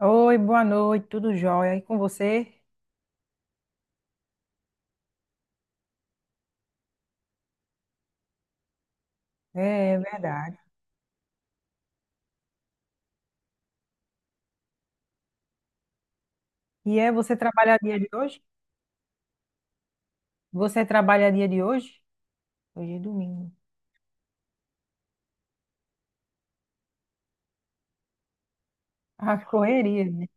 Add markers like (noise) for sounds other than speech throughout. Oi, boa noite, tudo jóia? E com você? É, verdade. E você trabalha dia de hoje? Você trabalha dia de hoje? Hoje é domingo. (laughs) A correria, né?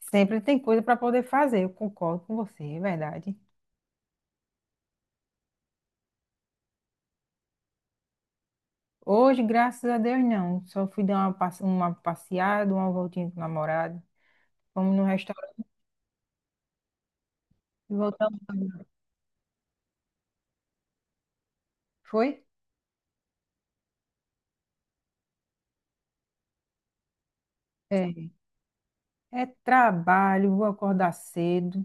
Sempre tem coisa para poder fazer, eu concordo com você, é verdade. Hoje, graças a Deus, não. Só fui dar uma, uma passeada, uma voltinha com o namorado. Fomos no restaurante e voltamos. Foi? É. É trabalho, vou acordar cedo.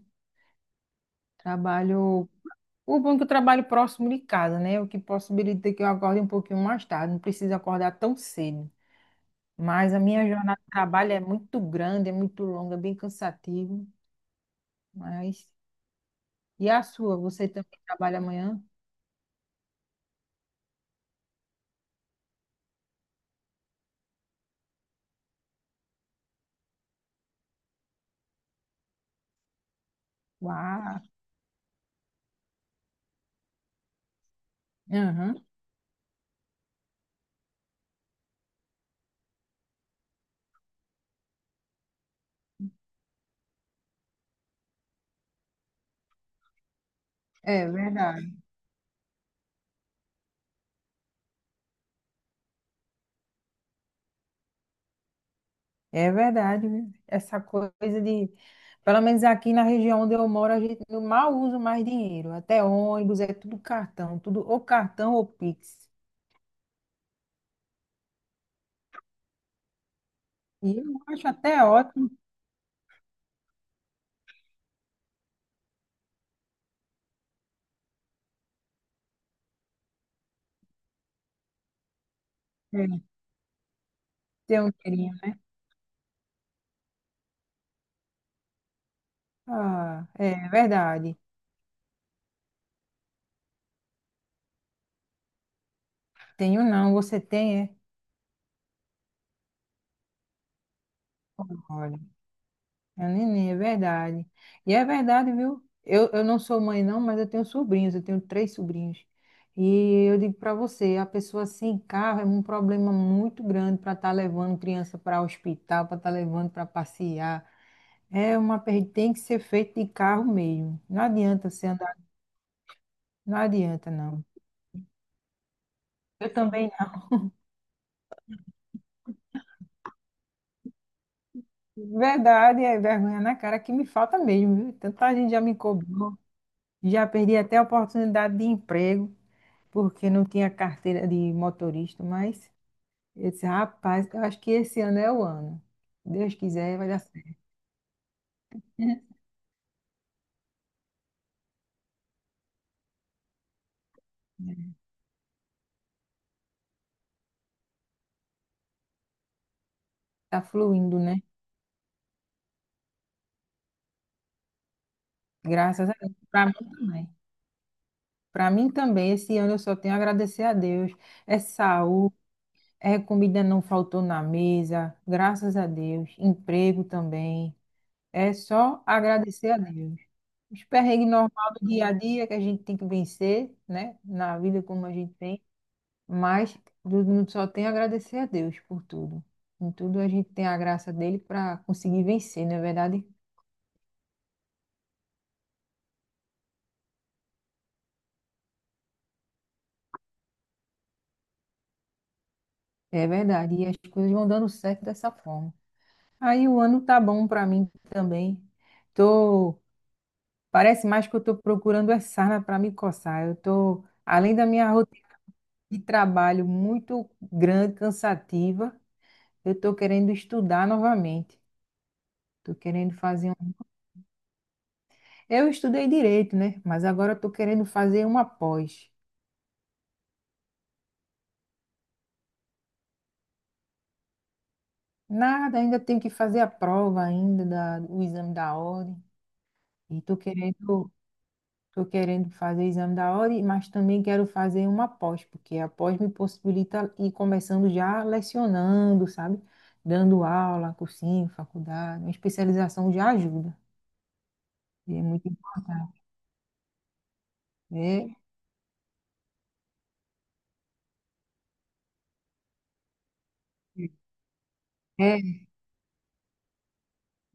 Trabalho O bom é que eu trabalho próximo de casa, né? O que possibilita que eu acorde um pouquinho mais tarde, não preciso acordar tão cedo. Mas a minha jornada de trabalho é muito grande, é muito longa, é bem cansativo. Mas. E a sua? Você também trabalha amanhã? Uau! Aham. É verdade. É verdade, viu? Essa coisa de. Pelo menos aqui na região onde eu moro, a gente não mal usa mais dinheiro. Até ônibus, é tudo cartão, tudo ou cartão ou Pix. E eu acho até ótimo é, ter um dinheirinho. Né? Ah, é verdade. Tenho não, você tem, é? Olha, é neném, é verdade. E é verdade, viu? Eu não sou mãe, não, mas eu tenho sobrinhos, eu tenho três sobrinhos. E eu digo para você, a pessoa sem carro é um problema muito grande para estar levando criança para o hospital, para estar levando para passear. É uma perda, tem que ser feito de carro mesmo. Não adianta você andar, não adianta, não. Eu também não. Verdade, é vergonha na cara que me falta mesmo, viu? Tanta gente já me cobrou. Já perdi até a oportunidade de emprego, porque não tinha carteira de motorista, mas eu disse, rapaz, eu acho que esse ano é o ano. Deus quiser, vai dar certo. (laughs) Tá fluindo, né? Graças a Deus. Para mim também. Para mim também, esse ano eu só tenho a agradecer a Deus. É saúde, é comida não faltou na mesa, graças a Deus. Emprego também. É só agradecer a Deus. Os perrengues normal do dia a dia que a gente tem que vencer, né? Na vida como a gente tem. Mas tudo- não- só tem a agradecer a Deus por tudo. Em tudo a gente tem a graça dele para conseguir vencer, não é verdade? É verdade. E as coisas vão dando certo dessa forma. Aí o ano tá bom para mim também. Tô, Parece mais que eu tô procurando é sarna para me coçar. Eu tô, além da minha rotina de trabalho muito grande, cansativa, eu tô querendo estudar novamente. Tô querendo fazer um... Eu estudei direito, né? Mas agora eu tô querendo fazer uma pós. Nada, ainda tenho que fazer a prova ainda da, o exame da ordem. E tô querendo fazer o exame da ordem, mas também quero fazer uma pós, porque a pós me possibilita ir começando já lecionando, sabe? Dando aula, cursinho, faculdade, uma especialização já ajuda. E é muito importante. É, é,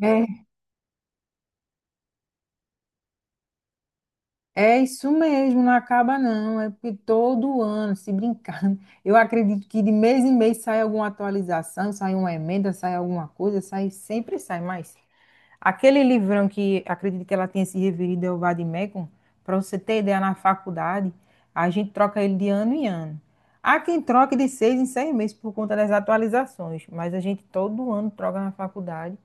é. É isso mesmo, não acaba não. É porque todo ano, se brincar, (laughs) eu acredito que de mês em mês sai alguma atualização, sai uma emenda, sai alguma coisa, sai, sempre sai. Mas aquele livrão que acredito que ela tenha se referido é o Vademecum, para você ter ideia, na faculdade, a gente troca ele de ano em ano. Há quem troque de seis em seis meses por conta das atualizações, mas a gente todo ano troca na faculdade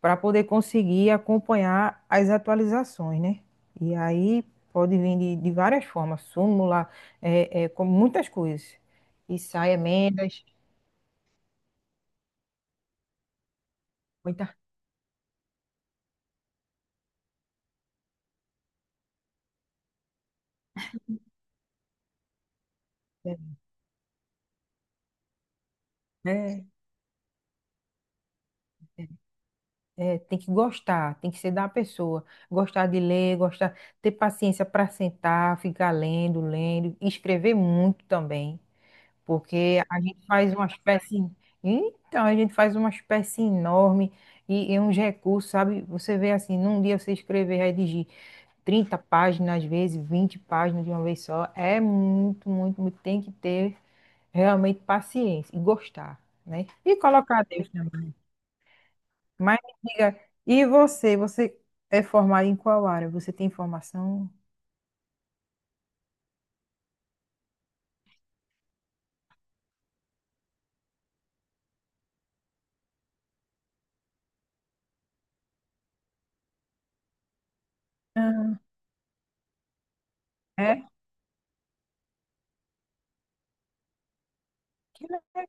para poder conseguir acompanhar as atualizações, né? E aí pode vir de várias formas, súmula, é, é, com muitas coisas. E sai emendas, muita, é, é, é, tem que gostar, tem que ser da pessoa. Gostar de ler, gostar, ter paciência para sentar, ficar lendo, lendo, escrever muito também. Porque a gente faz uma espécie. Então, a gente faz uma espécie enorme e uns recursos, sabe? Você vê assim, num dia você escrever, redigir 30 páginas, às vezes 20 páginas de uma vez só, é muito, muito, muito. Tem que ter realmente paciência e gostar, né? E colocar Deus também. Mas me diga, e você? Você é formado em qual área? Você tem formação? Ah, é? Que legal.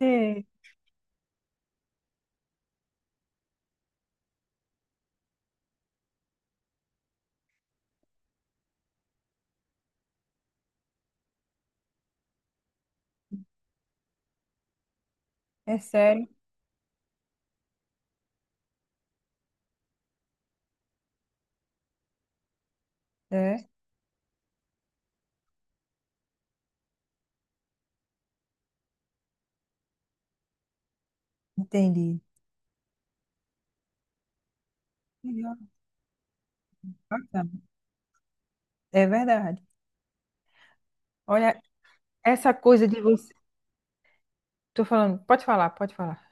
É é sério? É, entendi. Legal, bacana. É verdade. Olha, essa coisa de você. Tô falando, pode falar, pode falar.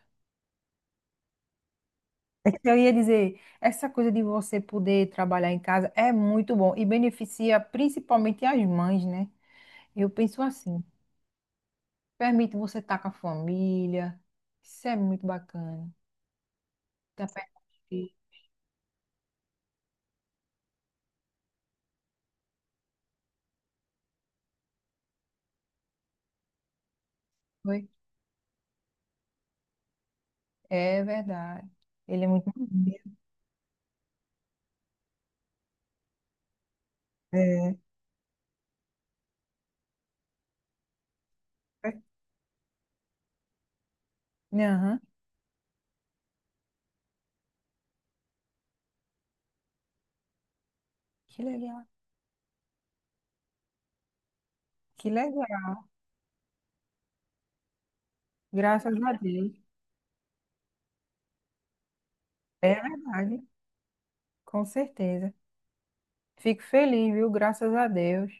É que eu ia dizer, essa coisa de você poder trabalhar em casa é muito bom e beneficia principalmente as mães, né? Eu penso assim, permite você estar com a família, isso é muito bacana. Tá perto dos filhos, oi? É verdade. Ele é muito bonito. Aham. Que legal, que legal. Graças a Deus. É verdade, com certeza. Fico feliz, viu? Graças a Deus,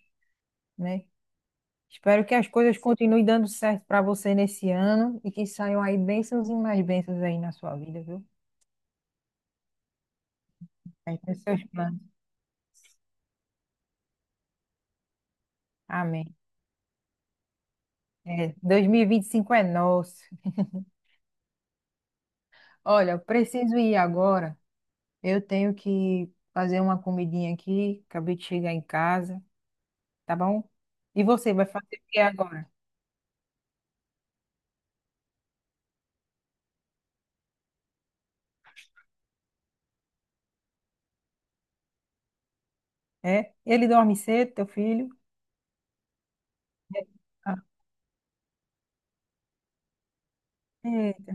né? Espero que as coisas continuem dando certo para você nesse ano e que saiam aí bênçãos e mais bênçãos aí na sua vida, viu? Aí nos seus planos. Amém. É, 2025 é nosso. Olha, eu preciso ir agora. Eu tenho que fazer uma comidinha aqui. Acabei de chegar em casa, tá bom? E você vai fazer o que agora? É? Ele dorme cedo, teu filho? É. Ah, é.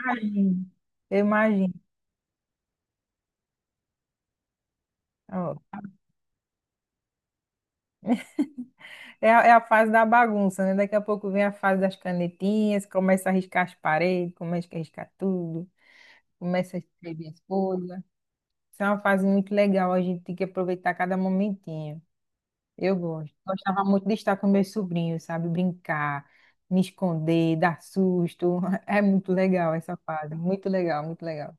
Imagino. Eu imagino. Ó, é, a- é a fase da bagunça, né? Daqui a pouco vem a fase das canetinhas, começa a riscar as paredes, começa a riscar tudo, começa a escrever as folhas. Isso é uma fase muito legal, a gente tem que aproveitar cada momentinho. Eu gosto. Gostava muito de estar com meus sobrinhos, sabe? Brincar, me esconder, dar susto. (laughs) É muito legal essa fase, muito legal, muito legal.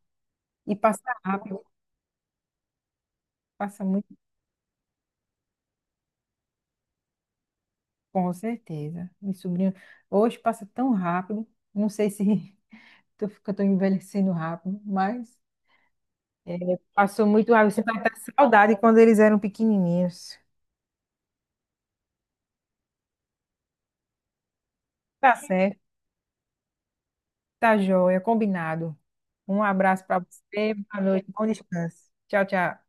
E passa rápido, passa muito. Com certeza. Meu sobrinho hoje passa tão rápido. Não sei se (laughs) que tô envelhecendo rápido, mas é, passou muito rápido. Você vai estar saudade quando eles eram pequenininhos. Tá certo, tá joia, combinado. Um abraço para você, boa noite, bom descanso. Tchau, tchau.